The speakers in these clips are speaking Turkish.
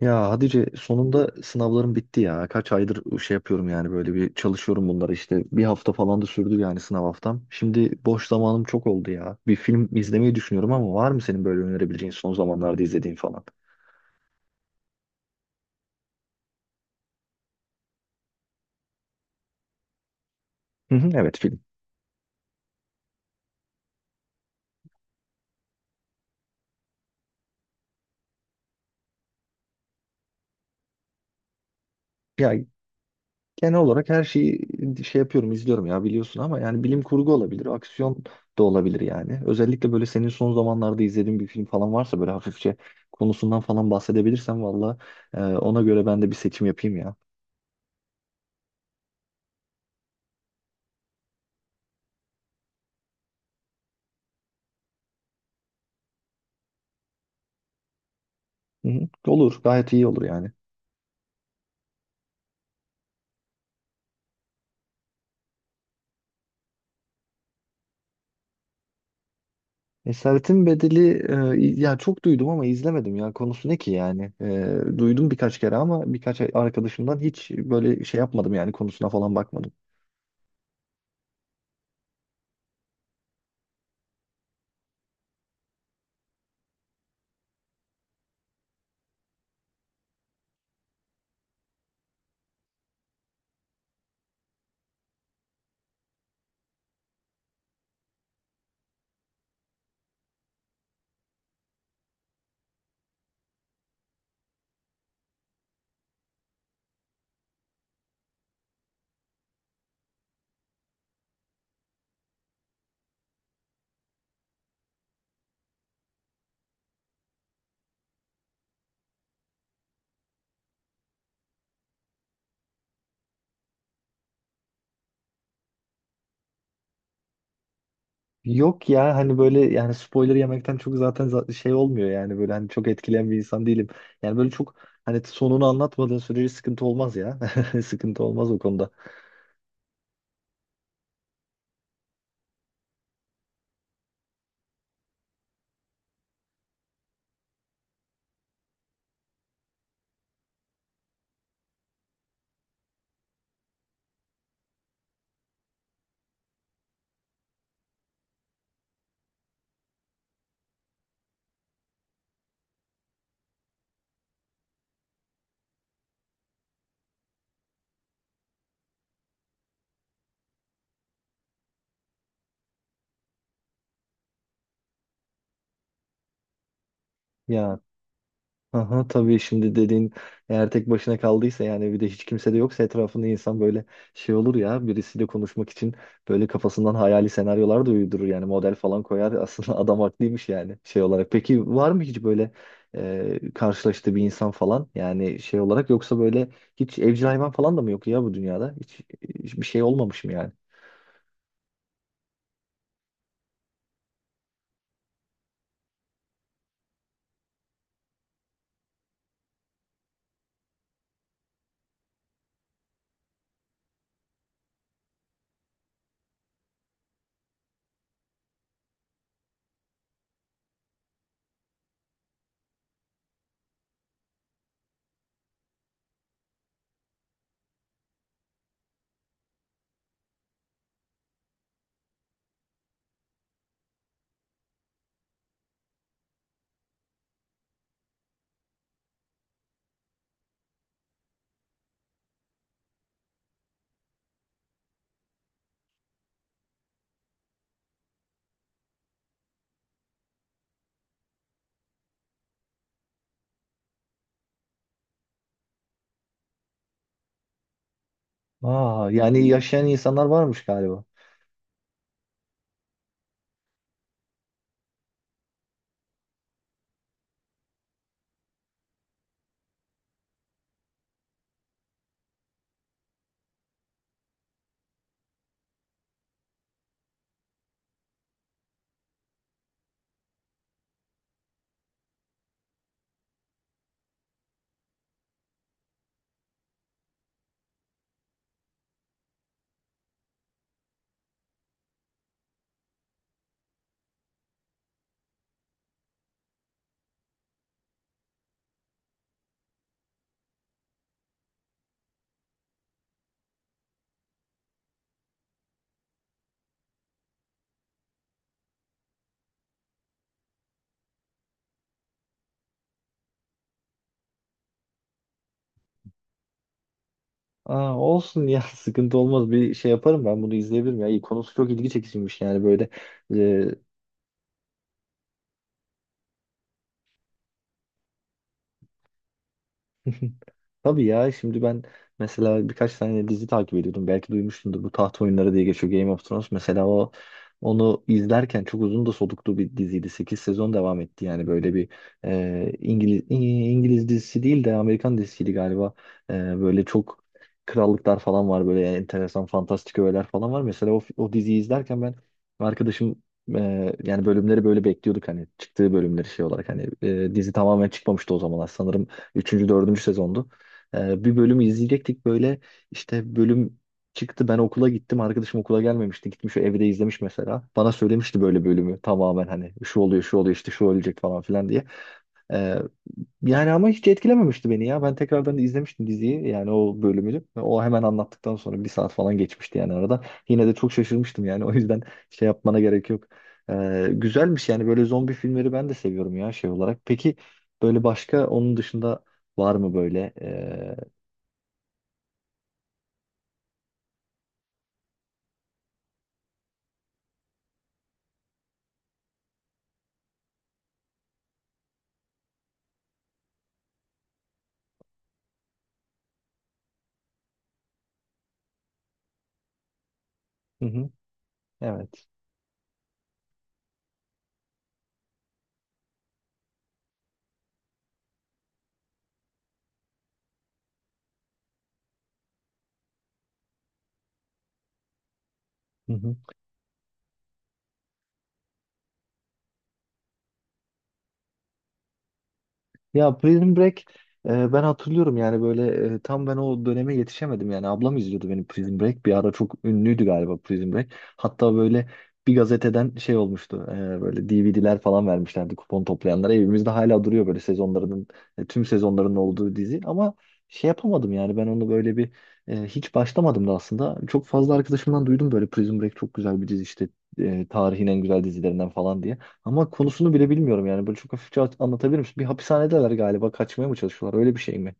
Ya Hatice, sonunda sınavlarım bitti ya. Kaç aydır şey yapıyorum yani, böyle bir çalışıyorum bunları işte. Bir hafta falan da sürdü yani, sınav haftam. Şimdi boş zamanım çok oldu ya. Bir film izlemeyi düşünüyorum ama var mı senin böyle önerebileceğin, son zamanlarda izlediğin falan? Hı hı, evet, film. Ya genel olarak her şeyi şey yapıyorum, izliyorum ya, biliyorsun, ama yani bilim kurgu olabilir, aksiyon da olabilir yani. Özellikle böyle senin son zamanlarda izlediğin bir film falan varsa, böyle hafifçe konusundan falan bahsedebilirsen, valla ona göre ben de bir seçim yapayım ya. Hı hı. Olur. Gayet iyi olur yani. Esaretin Bedeli. Ya, çok duydum ama izlemedim ya. Konusu ne ki yani? Duydum birkaç kere ama birkaç arkadaşımdan, hiç böyle şey yapmadım yani, konusuna falan bakmadım. Yok ya, hani böyle yani spoiler yemekten çok, zaten şey olmuyor yani, böyle hani çok etkileyen bir insan değilim. Yani böyle çok, hani sonunu anlatmadığın sürece sıkıntı olmaz ya. Sıkıntı olmaz o konuda. Ya, aha, tabii, şimdi dediğin, eğer tek başına kaldıysa yani, bir de hiç kimse de yoksa etrafında insan, böyle şey olur ya, birisiyle konuşmak için böyle kafasından hayali senaryolar da uydurur yani, model falan koyar. Aslında adam haklıymış yani, şey olarak. Peki var mı hiç böyle karşılaştığı bir insan falan, yani şey olarak? Yoksa böyle hiç evcil hayvan falan da mı yok ya, bu dünyada hiç, hiç bir şey olmamış mı yani? Aa, yani yaşayan insanlar varmış galiba. Aa, olsun ya. Sıkıntı olmaz, bir şey yaparım, ben bunu izleyebilirim ya. İyi, konusu çok ilgi çekiciymiş yani, böyle. e, Tabii ya, şimdi ben mesela birkaç tane dizi takip ediyordum. Belki duymuşsundur, bu Taht Oyunları diye geçiyor, Game of Thrones. Mesela onu izlerken çok uzun da soluklu bir diziydi. Sekiz sezon devam etti yani, böyle bir İngiliz İngiliz dizisi değil de Amerikan dizisiydi galiba. Böyle çok krallıklar falan var, böyle enteresan fantastik öğeler falan var. Mesela o diziyi izlerken, ben, arkadaşım, e, yani bölümleri böyle bekliyorduk, hani çıktığı bölümleri, şey olarak, hani dizi tamamen çıkmamıştı o zamanlar sanırım. Üçüncü, dördüncü sezondu. Bir bölümü izleyecektik böyle. İşte bölüm çıktı. Ben okula gittim. Arkadaşım okula gelmemişti. Gitmiş, evde izlemiş mesela. Bana söylemişti böyle bölümü. Tamamen, hani şu oluyor, şu oluyor, işte şu ölecek falan filan diye. Ee, Yani ama hiç etkilememişti beni ya. Ben tekrardan izlemiştim diziyi yani, o bölümünü. O hemen anlattıktan sonra bir saat falan geçmişti yani arada. Yine de çok şaşırmıştım yani. O yüzden şey yapmana gerek yok. Güzelmiş yani, böyle zombi filmleri ben de seviyorum ya, şey olarak. Peki, böyle başka onun dışında var mı böyle? Hı hı, evet. Hı hı. Ya, Prison Break. Ben hatırlıyorum yani, böyle tam ben o döneme yetişemedim yani, ablam izliyordu benim. Prison Break bir ara çok ünlüydü galiba. Prison Break, hatta böyle bir gazeteden şey olmuştu, böyle DVD'ler falan vermişlerdi kupon toplayanlara. Evimizde hala duruyor böyle sezonlarının, tüm sezonların olduğu dizi. Ama şey yapamadım yani, ben onu böyle bir hiç başlamadım da aslında. Çok fazla arkadaşımdan duydum, böyle Prison Break çok güzel bir dizi işte, tarihin en güzel dizilerinden falan diye. Ama konusunu bile bilmiyorum yani. Böyle çok hafifçe anlatabilir misin? Bir hapishanedeler galiba. Kaçmaya mı çalışıyorlar? Öyle bir şey mi?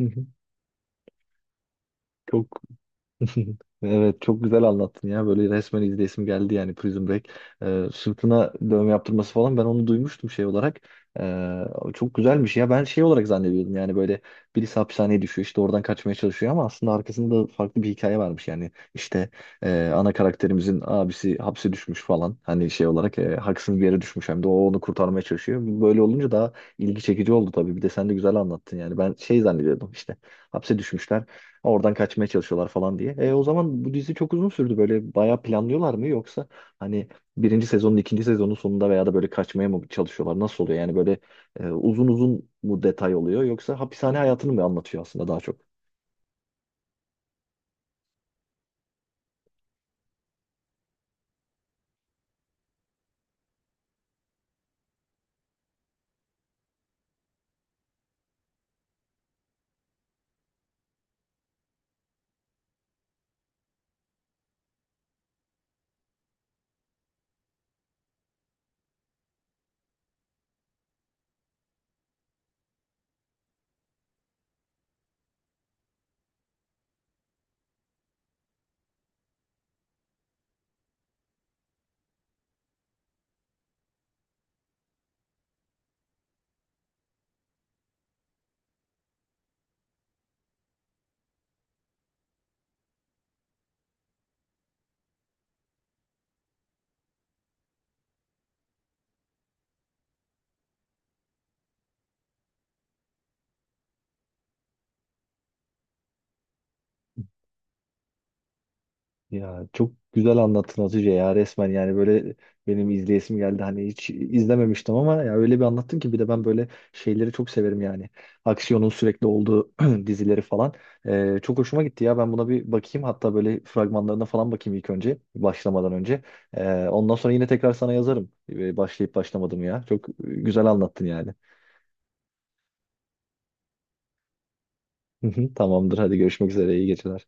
Hı hı. Çok, evet çok güzel anlattın ya, böyle resmen izleyesim geldi yani, Prison Break. Sırtına dövme yaptırması falan, ben onu duymuştum şey olarak. Ee, Çok güzelmiş ya. Ben şey olarak zannediyordum yani, böyle birisi hapishaneye düşüyor, işte oradan kaçmaya çalışıyor, ama aslında arkasında da farklı bir hikaye varmış yani, işte ana karakterimizin abisi hapse düşmüş falan, hani şey olarak haksız bir yere düşmüş, hem de o onu kurtarmaya çalışıyor. Böyle olunca daha ilgi çekici oldu tabii, bir de sen de güzel anlattın yani. Ben şey zannediyordum işte, hapse düşmüşler, oradan kaçmaya çalışıyorlar falan diye. O zaman bu dizi çok uzun sürdü. Böyle bayağı planlıyorlar mı, yoksa hani birinci sezonun, ikinci sezonun sonunda veya da böyle kaçmaya mı çalışıyorlar? Nasıl oluyor? Yani böyle uzun uzun mu detay oluyor, yoksa hapishane hayatını mı anlatıyor aslında, daha çok? Ya çok güzel anlattın Hatice ya, resmen yani böyle benim izleyesim geldi. Hani hiç izlememiştim ama ya, öyle bir anlattın ki. Bir de ben böyle şeyleri çok severim yani, aksiyonun sürekli olduğu dizileri falan. Çok hoşuma gitti ya, ben buna bir bakayım, hatta böyle fragmanlarına falan bakayım ilk önce, başlamadan önce. Ondan sonra yine tekrar sana yazarım, başlayıp başlamadım. Ya çok güzel anlattın yani. Tamamdır, hadi görüşmek üzere, iyi geceler.